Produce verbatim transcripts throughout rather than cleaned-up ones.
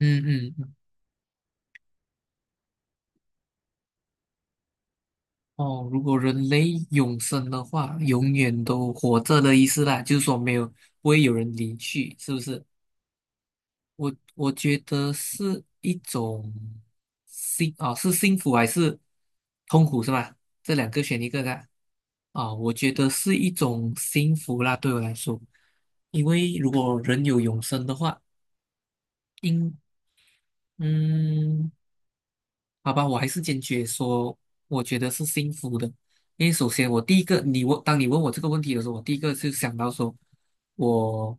嗯嗯。哦，如果人类永生的话，永远都活着的意思啦，就是说没有，不会有人离去，是不是？我我觉得是一种幸啊、是幸福还是痛苦是吧？这两个选一个的啊、我觉得是一种幸福啦，对我来说，因为如果人有永生的话，应嗯。好吧，我还是坚决说，我觉得是幸福的。因为首先，我第一个，你问，当你问我这个问题的时候，我第一个就想到说，我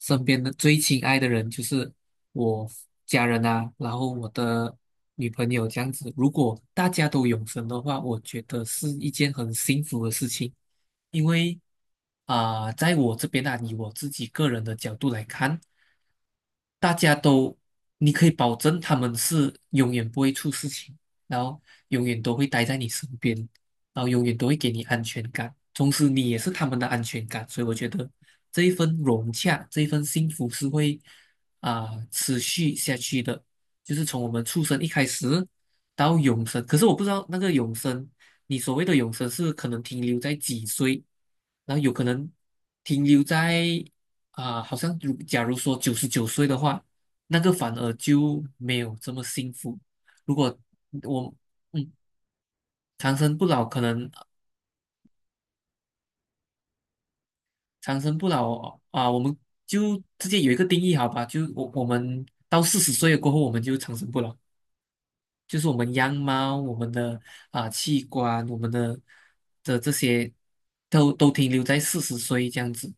身边的最亲爱的人就是我家人啊，然后我的女朋友这样子。如果大家都永生的话，我觉得是一件很幸福的事情。因为啊、在我这边啊，以我自己个人的角度来看，大家都，你可以保证他们是永远不会出事情，然后永远都会待在你身边，然后永远都会给你安全感，同时你也是他们的安全感，所以我觉得这一份融洽，这一份幸福是会啊、持续下去的，就是从我们出生一开始到永生。可是我不知道那个永生，你所谓的永生是可能停留在几岁，然后有可能停留在。啊，好像如假如说九十九岁的话，那个反而就没有这么幸福。如果我嗯长生不老，可能长生不老啊，我们就直接有一个定义好吧？就我我们到四十岁过后，我们就长生不老，就是我们样貌、我们的啊器官、我们的的这些都都停留在四十岁这样子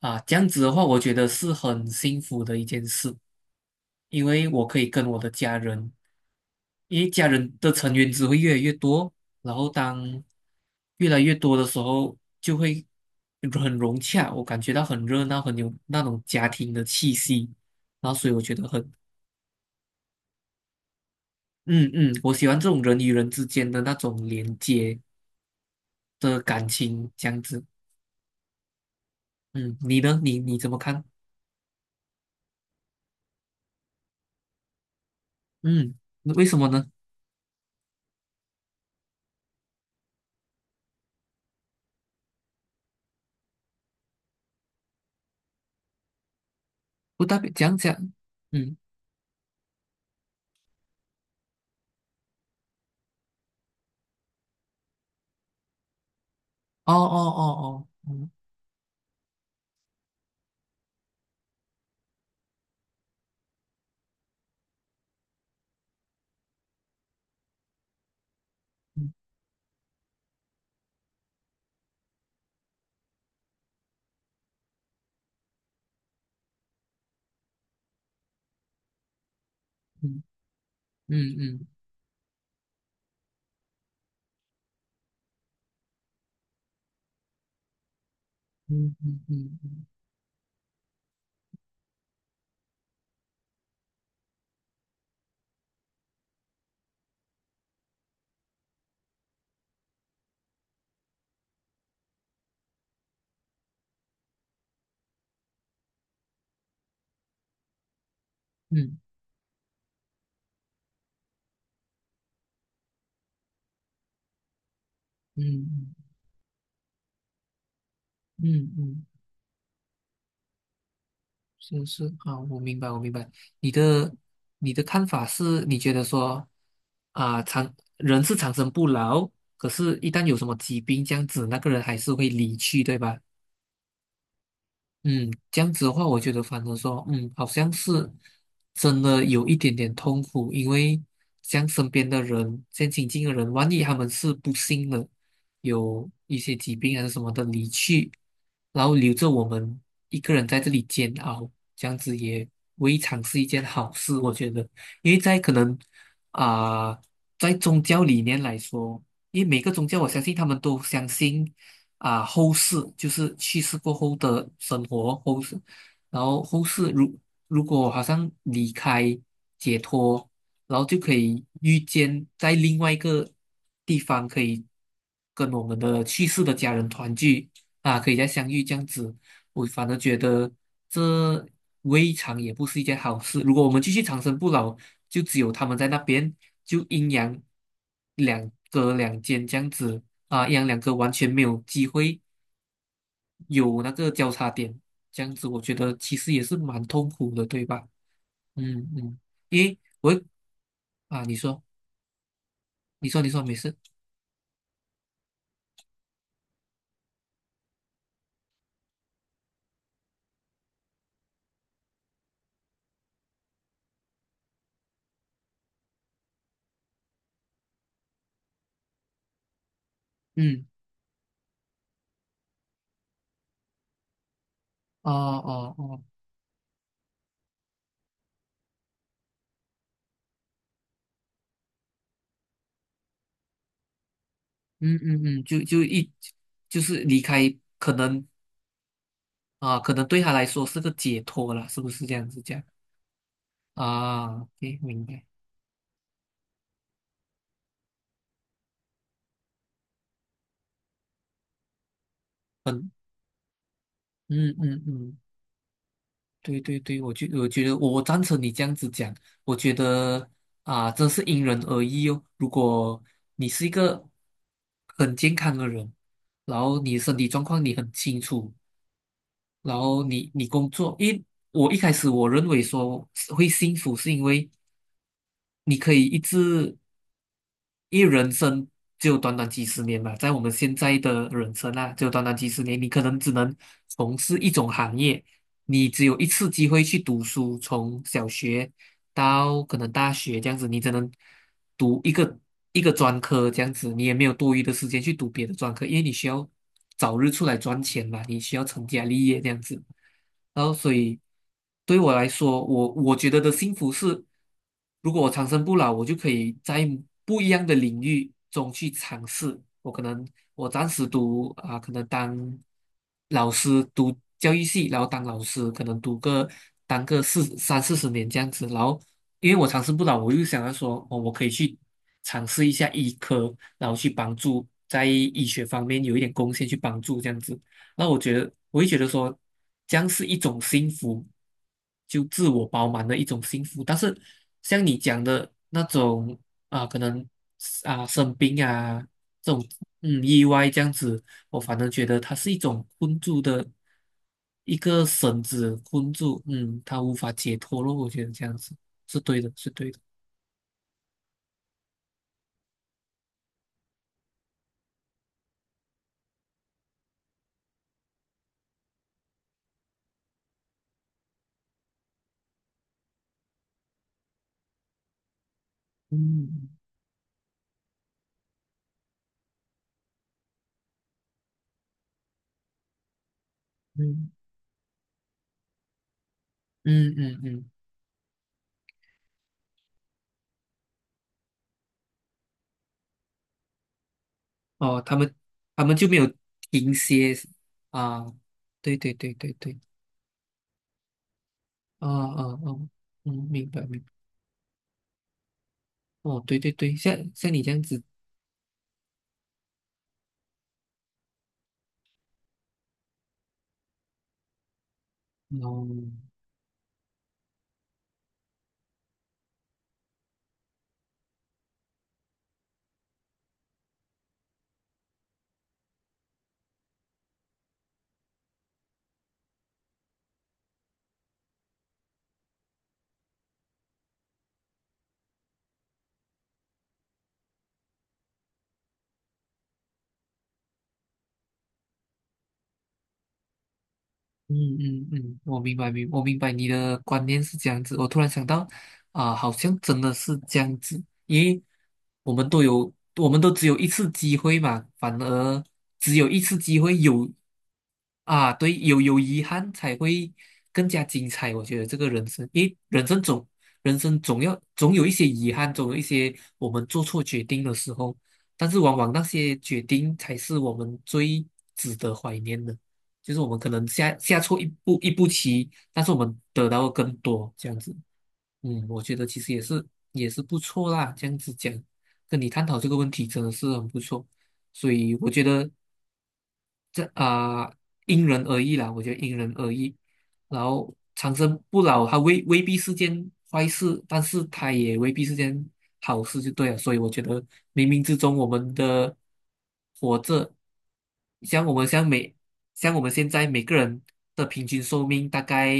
啊，这样子的话，我觉得是很幸福的一件事。因为我可以跟我的家人。因为家人的成员只会越来越多，然后当越来越多的时候，就会很融洽，我感觉到很热闹，很有那种家庭的气息，然后所以我觉得很，嗯嗯，嗯我喜欢这种人与人之间的那种连接的感情，这样子。嗯，你呢？你你怎么看？嗯，为什么呢？不代表讲讲。嗯，哦哦哦哦，嗯嗯嗯嗯嗯嗯嗯嗯嗯嗯嗯嗯嗯。嗯嗯嗯嗯嗯。是是啊，我明白，我明白。你的你的看法是，你觉得说啊，长人是长生不老，可是一旦有什么疾病这样子，那个人还是会离去，对吧？嗯，这样子的话，我觉得反而说，嗯，好像是真的有一点点痛苦，因为像身边的人，像亲近的人，万一他们是不幸的，有一些疾病还是什么的离去，然后留着我们一个人在这里煎熬，这样子也未尝是一件好事，我觉得，因为在可能啊、在宗教理念来说，因为每个宗教我相信他们都相信。啊后世，就是去世过后的生活后世，然后后世如如果好像离开解脱，然后就可以遇见在另外一个地方，可以跟我们的去世的家人团聚啊，可以再相遇这样子。我反而觉得这未尝也不是一件好事。如果我们继续长生不老，就只有他们在那边，就阴阳两隔两间这样子，啊，一样两个完全没有机会有那个交叉点，这样子我觉得其实也是蛮痛苦的，对吧？嗯嗯。因为我会啊，你说，你说，你说，没事。嗯，哦哦哦，嗯嗯嗯，就就一就是离开，可能啊，可能对他来说是个解脱了，是不是这样子讲啊？OK，明白。嗯嗯嗯嗯，对对对，我觉我觉得我赞成你这样子讲，我觉得啊，真是因人而异哦。如果你是一个很健康的人，然后你身体状况你很清楚，然后你你工作，因我一开始我认为说是会幸福是因为你可以一直因为人生就短短几十年嘛，在我们现在的人生啊，就短短几十年，你可能只能从事一种行业，你只有一次机会去读书，从小学到可能大学这样子，你只能读一个一个专科这样子，你也没有多余的时间去读别的专科，因为你需要早日出来赚钱嘛，你需要成家立业这样子，然后所以对我来说，我我觉得的幸福是。如果我长生不老，我就可以在不一样的领域中去尝试。我可能我暂时读啊、可能当老师读教育系，然后当老师，可能读个当个四三四十年这样子。然后因为我长生不老，我又想要说，哦，我可以去尝试一下医科，然后去帮助在医学方面有一点贡献，去帮助这样子。那我觉得，我会觉得说，这样是一种幸福，就自我饱满的一种幸福。但是像你讲的那种啊，可能啊生病啊这种嗯意外这样子，我反而觉得它是一种困住的一个绳子困住，嗯，他无法解脱咯。我觉得这样子是对的，是对的。嗯嗯嗯嗯嗯，哦，他们他们就没有停歇啊，对对对对对。啊啊啊，嗯，明白明白。哦，对对对，像像你这样子，哦，嗯嗯嗯，我明白明我明白你的观念是这样子。我突然想到，啊、好像真的是这样子，因为我们都有，我们都只有一次机会嘛，反而只有一次机会有啊，对，有有遗憾才会更加精彩。我觉得这个人生，因为人生总人生总要总有一些遗憾，总有一些我们做错决定的时候，但是往往那些决定才是我们最值得怀念的。就是我们可能下下错一步一步棋，但是我们得到的更多这样子。嗯，我觉得其实也是也是不错啦，这样子讲，跟你探讨这个问题真的是很不错。所以我觉得这啊、因人而异啦，我觉得因人而异。然后长生不老，它未未必是件坏事，但是它也未必是件好事，就对了。所以我觉得冥冥之中，我们的活着，像我们像每像我们现在每个人的平均寿命大概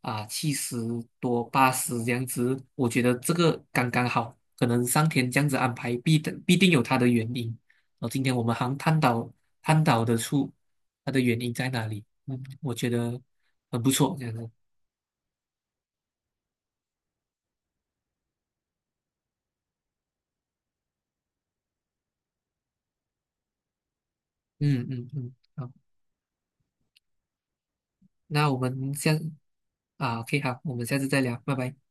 啊七十多八十这样子，我觉得这个刚刚好，可能上天这样子安排，必定必定有它的原因。哦，今天我们好像探讨探讨得出它的原因在哪里。嗯，我觉得很不错，这样子。嗯嗯嗯，好，那我们下啊，OK，好，我们下次再聊，拜拜。